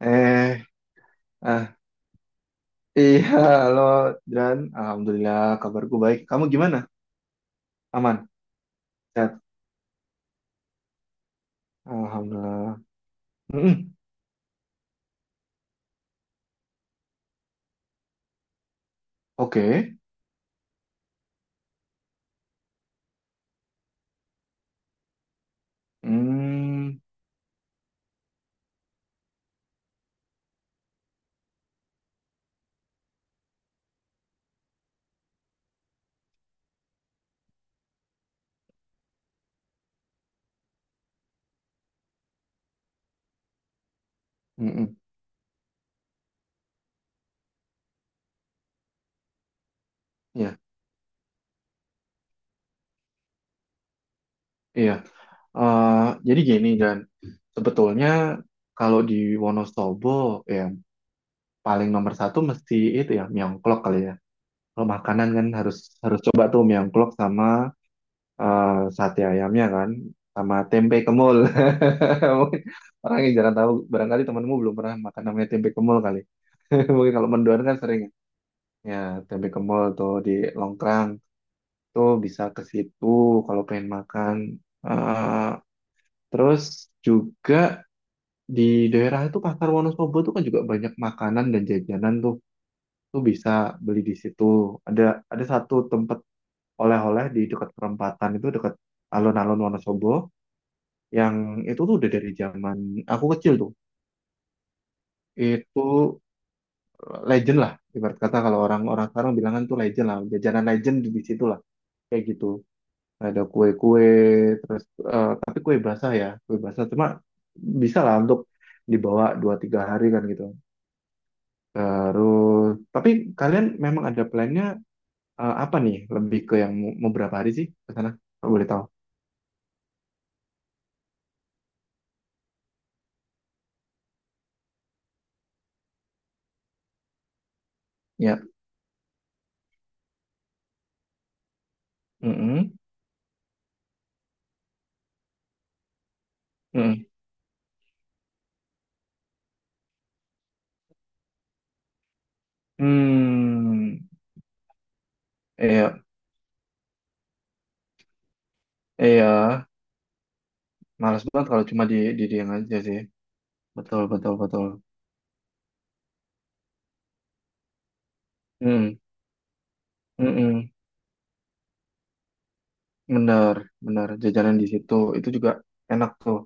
Eh, ah, iya, halo, Dan. Alhamdulillah, kabarku baik. Kamu gimana? Aman? Sehat? Alhamdulillah. Mm-mm. Oke. Hmm, mm-mm. Iya, iya. Eh, jadi gini, Dan. Sebetulnya kalau di Wonosobo, ya paling nomor satu mesti itu ya, mieongklok kali ya. Kalau makanan kan harus harus coba tuh mieongklok sama eh, sate ayamnya kan sama tempe kemul. Mungkin orang yang jarang tahu barangkali temanmu belum pernah makan namanya tempe kemul kali. Mungkin kalau mendoan kan sering ya. Ya, tempe kemul tuh di Longkrang tuh bisa ke situ kalau pengen makan. Eh, terus juga di daerah itu Pasar Wonosobo tuh kan juga banyak makanan dan jajanan tuh. Tuh bisa beli di situ. Ada ada satu tempat oleh-oleh di dekat perempatan itu dekat alun-alun Wonosobo yang itu tuh udah dari zaman aku kecil tuh itu legend lah, ibarat kata kalau orang-orang sekarang bilangan tuh legend lah, jajanan legend di situ lah kayak gitu, ada kue-kue terus tapi kue basah, ya kue basah cuma bisa lah untuk dibawa 2-3 hari kan gitu. Terus tapi kalian memang ada plannya apa nih, lebih ke yang mau mau berapa hari sih ke sana? Kalau boleh tahu ya. Mm -mm. Mm. Hmm, iya, iya. Males banget kalau cuma di dia aja sih. Betul, betul, betul. Hmm, mm-mm. Benar, benar. Jajanan di situ itu juga enak tuh.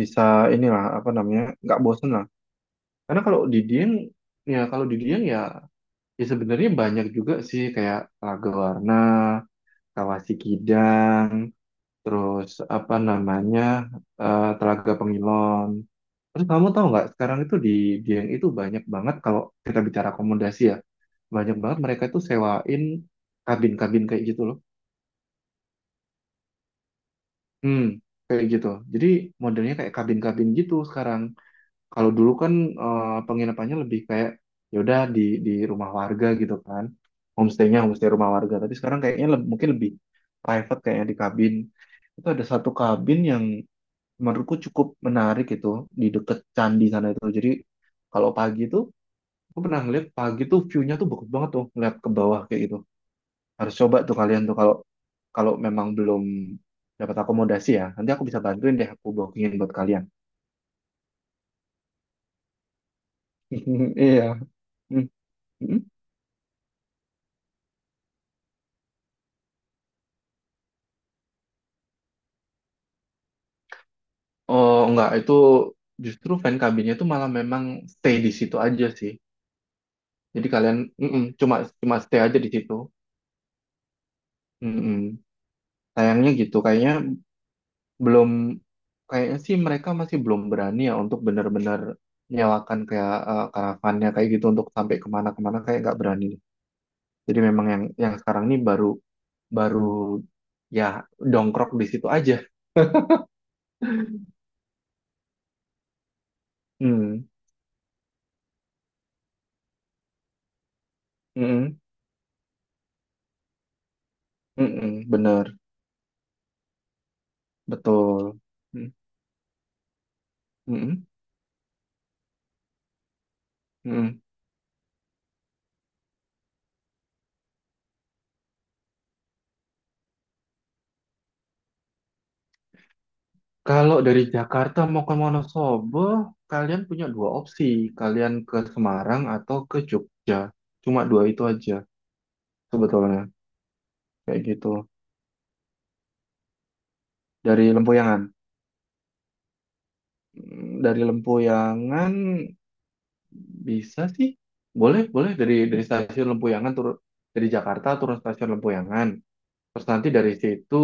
Bisa inilah, apa namanya, nggak bosen lah. Karena kalau di Dieng ya, kalau di Dieng ya, ya sebenarnya banyak juga sih kayak Raga Warna, Kawasi Kidang, terus apa namanya, Telaga Pengilon. Terus kamu tahu nggak sekarang itu di Dieng itu banyak banget, kalau kita bicara akomodasi ya, banyak banget mereka itu sewain kabin-kabin kayak gitu loh. Hmm, kayak gitu. Jadi modelnya kayak kabin-kabin gitu sekarang. Kalau dulu kan penginapannya lebih kayak ya udah di rumah warga gitu kan. Homestay-nya homestay rumah warga, tapi sekarang kayaknya mungkin lebih private kayaknya di kabin. Itu ada satu kabin yang menurutku cukup menarik itu di deket candi sana itu. Jadi kalau pagi itu gue pernah ngeliat pagi tuh view-nya tuh bagus banget tuh, ngeliat ke bawah kayak gitu. Harus coba tuh kalian tuh, kalau kalau memang belum dapat akomodasi ya. Nanti aku bisa bantuin deh, aku bookingin buat kalian. Iya. Hmm. Hmm. Oh enggak, itu justru fan cabinnya tuh malah memang stay di situ aja sih. Jadi kalian mm-mm, cuma cuma stay aja di situ. Mm-mm. Sayangnya gitu, kayaknya belum, kayaknya sih mereka masih belum berani ya untuk benar-benar nyewakan kayak karavannya kayak gitu untuk sampai kemana-kemana, kayak nggak berani. Jadi memang yang sekarang ini baru baru ya dongkrok di situ aja. Hmm, mm-mm, mm-mm, bener, betul. Mm, mm-mm, mm-mm. Kalau dari Jakarta mau ke Wonosobo, kalian punya dua opsi. Kalian ke Semarang atau ke Jogja. Cuma dua itu aja sebetulnya, kayak gitu, dari Lempuyangan. Mm, dari Lempuyangan bisa sih. Boleh, boleh, dari stasiun Lempuyangan turun, dari Jakarta turun stasiun Lempuyangan. Terus nanti dari situ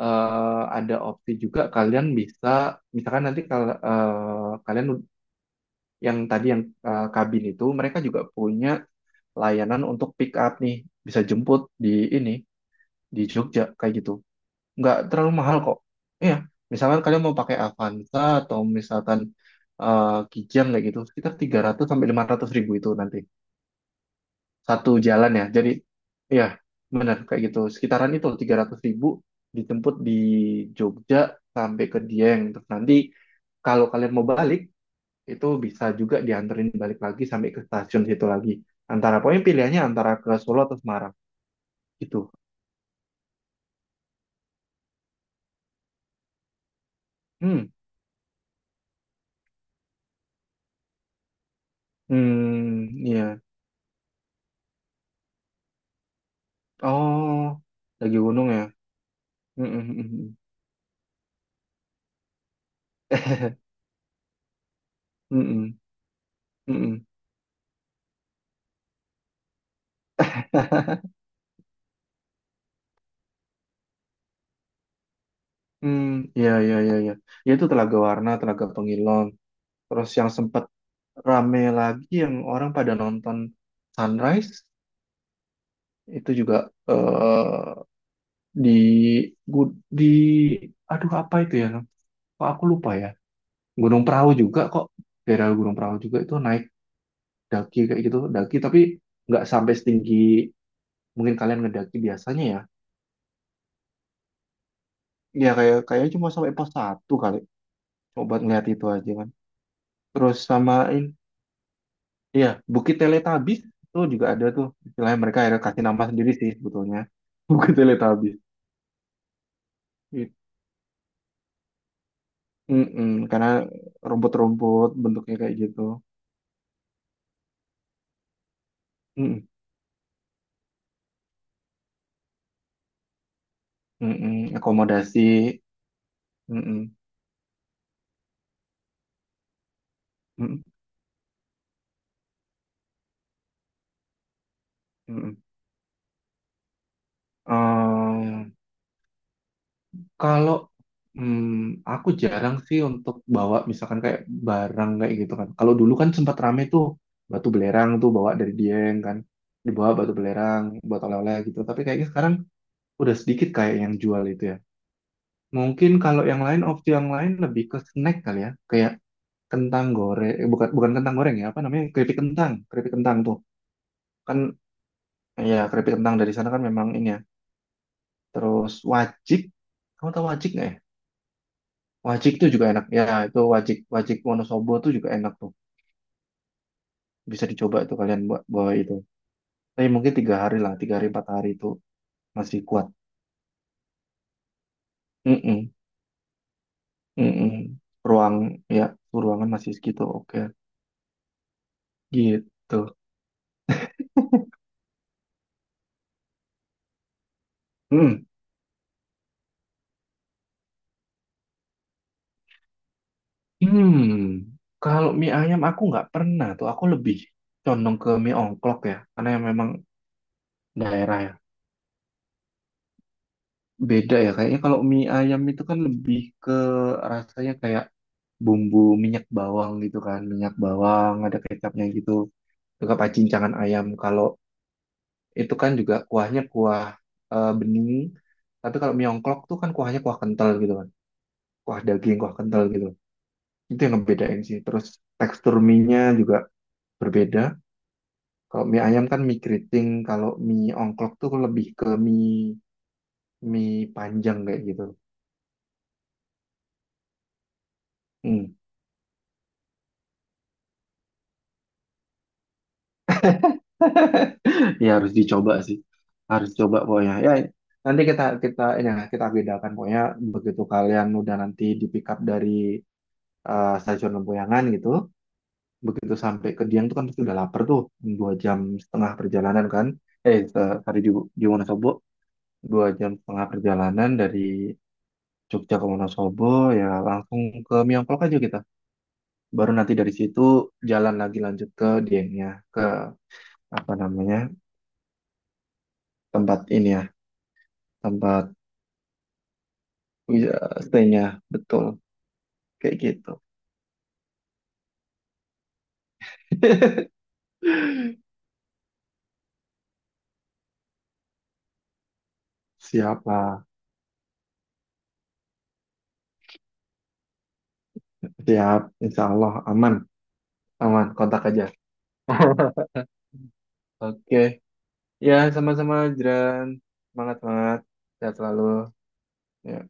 ada opsi juga, kalian bisa misalkan nanti kal eh, kalian ud- yang tadi yang kabin itu, mereka juga punya layanan untuk pick up nih, bisa jemput di ini di Jogja kayak gitu. Nggak terlalu mahal kok. Iya, misalkan kalian mau pakai Avanza atau misalkan Kijang kayak gitu, sekitar 300 sampai 500 ribu itu nanti. Satu jalan ya. Jadi, ya benar kayak gitu. Sekitaran itu 300 ribu dijemput di Jogja sampai ke Dieng. Terus nanti kalau kalian mau balik, itu bisa juga dianterin balik lagi sampai ke stasiun situ lagi. Antara, pokoknya pilihannya antara ke Solo atau Semarang. Gitu. Hmm, hmm, iya. Oh, lagi gunung ya. Mm-mm, mm-mm. Mm-mm, mm-mm. Hmm, ya, ya, ya, ya. Ya, itu Telaga Warna, Telaga Pengilon. Terus yang sempat rame lagi yang orang pada nonton sunrise itu juga eh di di, aduh apa itu ya? Kok aku lupa ya. Gunung Perahu, juga kok daerah Gunung Perahu juga itu naik, daki kayak gitu, daki tapi nggak sampai setinggi mungkin kalian ngedaki biasanya ya. Ya kayak kayaknya cuma sampai pos satu kali, cuma buat ngeliat itu aja kan. Terus samain, iya, Bukit Teletubbies itu juga ada tuh. Istilahnya mereka akhirnya kasih nama sendiri sih sebetulnya. Bukit Teletubbies. It- Mm-mm, karena rumput-rumput bentuknya kayak gitu. Mm-mm, mm-mm, akomodasi. Mm-mm, mm-mm, mm-mm. Kalau hmm, aku jarang sih untuk bawa misalkan kayak barang kayak gitu kan. Kalau dulu kan sempat rame tuh batu belerang tuh bawa dari Dieng kan. Dibawa batu belerang buat oleh-oleh gitu. Tapi kayaknya sekarang udah sedikit kayak yang jual itu ya. Mungkin kalau yang lain, opsi yang lain lebih ke snack kali ya. Kayak kentang goreng, eh, bukan bukan kentang goreng ya, apa namanya, keripik kentang, keripik kentang tuh. Kan ya keripik kentang dari sana kan memang ini ya. Terus wajik, kamu tahu wajik nggak ya? Wajik tuh juga enak. Ya, itu wajik wajik Wonosobo tuh juga enak tuh. Bisa dicoba tuh kalian buat bawa itu. Tapi mungkin 3 hari lah, 3 hari 4 hari itu masih kuat. Mm-mm, mm-mm. Ruang ya, ruangan masih segitu. Oke, gitu. Hmm. Hmm. Kalau mie ayam aku nggak pernah tuh. Aku lebih condong ke mie ongklok ya, karena yang memang daerah ya. Beda ya kayaknya, kalau mie ayam itu kan lebih ke rasanya kayak bumbu minyak bawang gitu kan, minyak bawang ada kecapnya gitu, juga pacincangan ayam. Kalau itu kan juga kuahnya kuah bening, tapi kalau mie ongklok tuh kan kuahnya kuah kental gitu kan, kuah daging kuah kental gitu. Itu yang ngebedain sih. Terus tekstur mie-nya juga berbeda. Kalau mie ayam kan mie keriting, kalau mie ongklok tuh lebih ke mie mie panjang kayak gitu. Hmm. Ya harus dicoba sih. Harus coba pokoknya. Ya nanti kita kita ini ya, kita bedakan pokoknya begitu kalian udah nanti di pick up dari stasiun Lempuyangan gitu, begitu sampai ke Dieng tuh kan pasti udah lapar tuh, 2,5 jam perjalanan kan. Tadi di, Wonosobo, 2,5 jam perjalanan dari Jogja ke Wonosobo ya langsung ke Miyongkok aja kita. Baru nanti dari situ jalan lagi lanjut ke Diengnya ke apa namanya tempat ini ya tempat. Iya, stay-nya betul kayak gitu. Siap lah, siap. Insya Allah aman, aman. Kontak aja. Oke, ya sama-sama, Jiran. Semangat, semangat. Sehat selalu. Ya.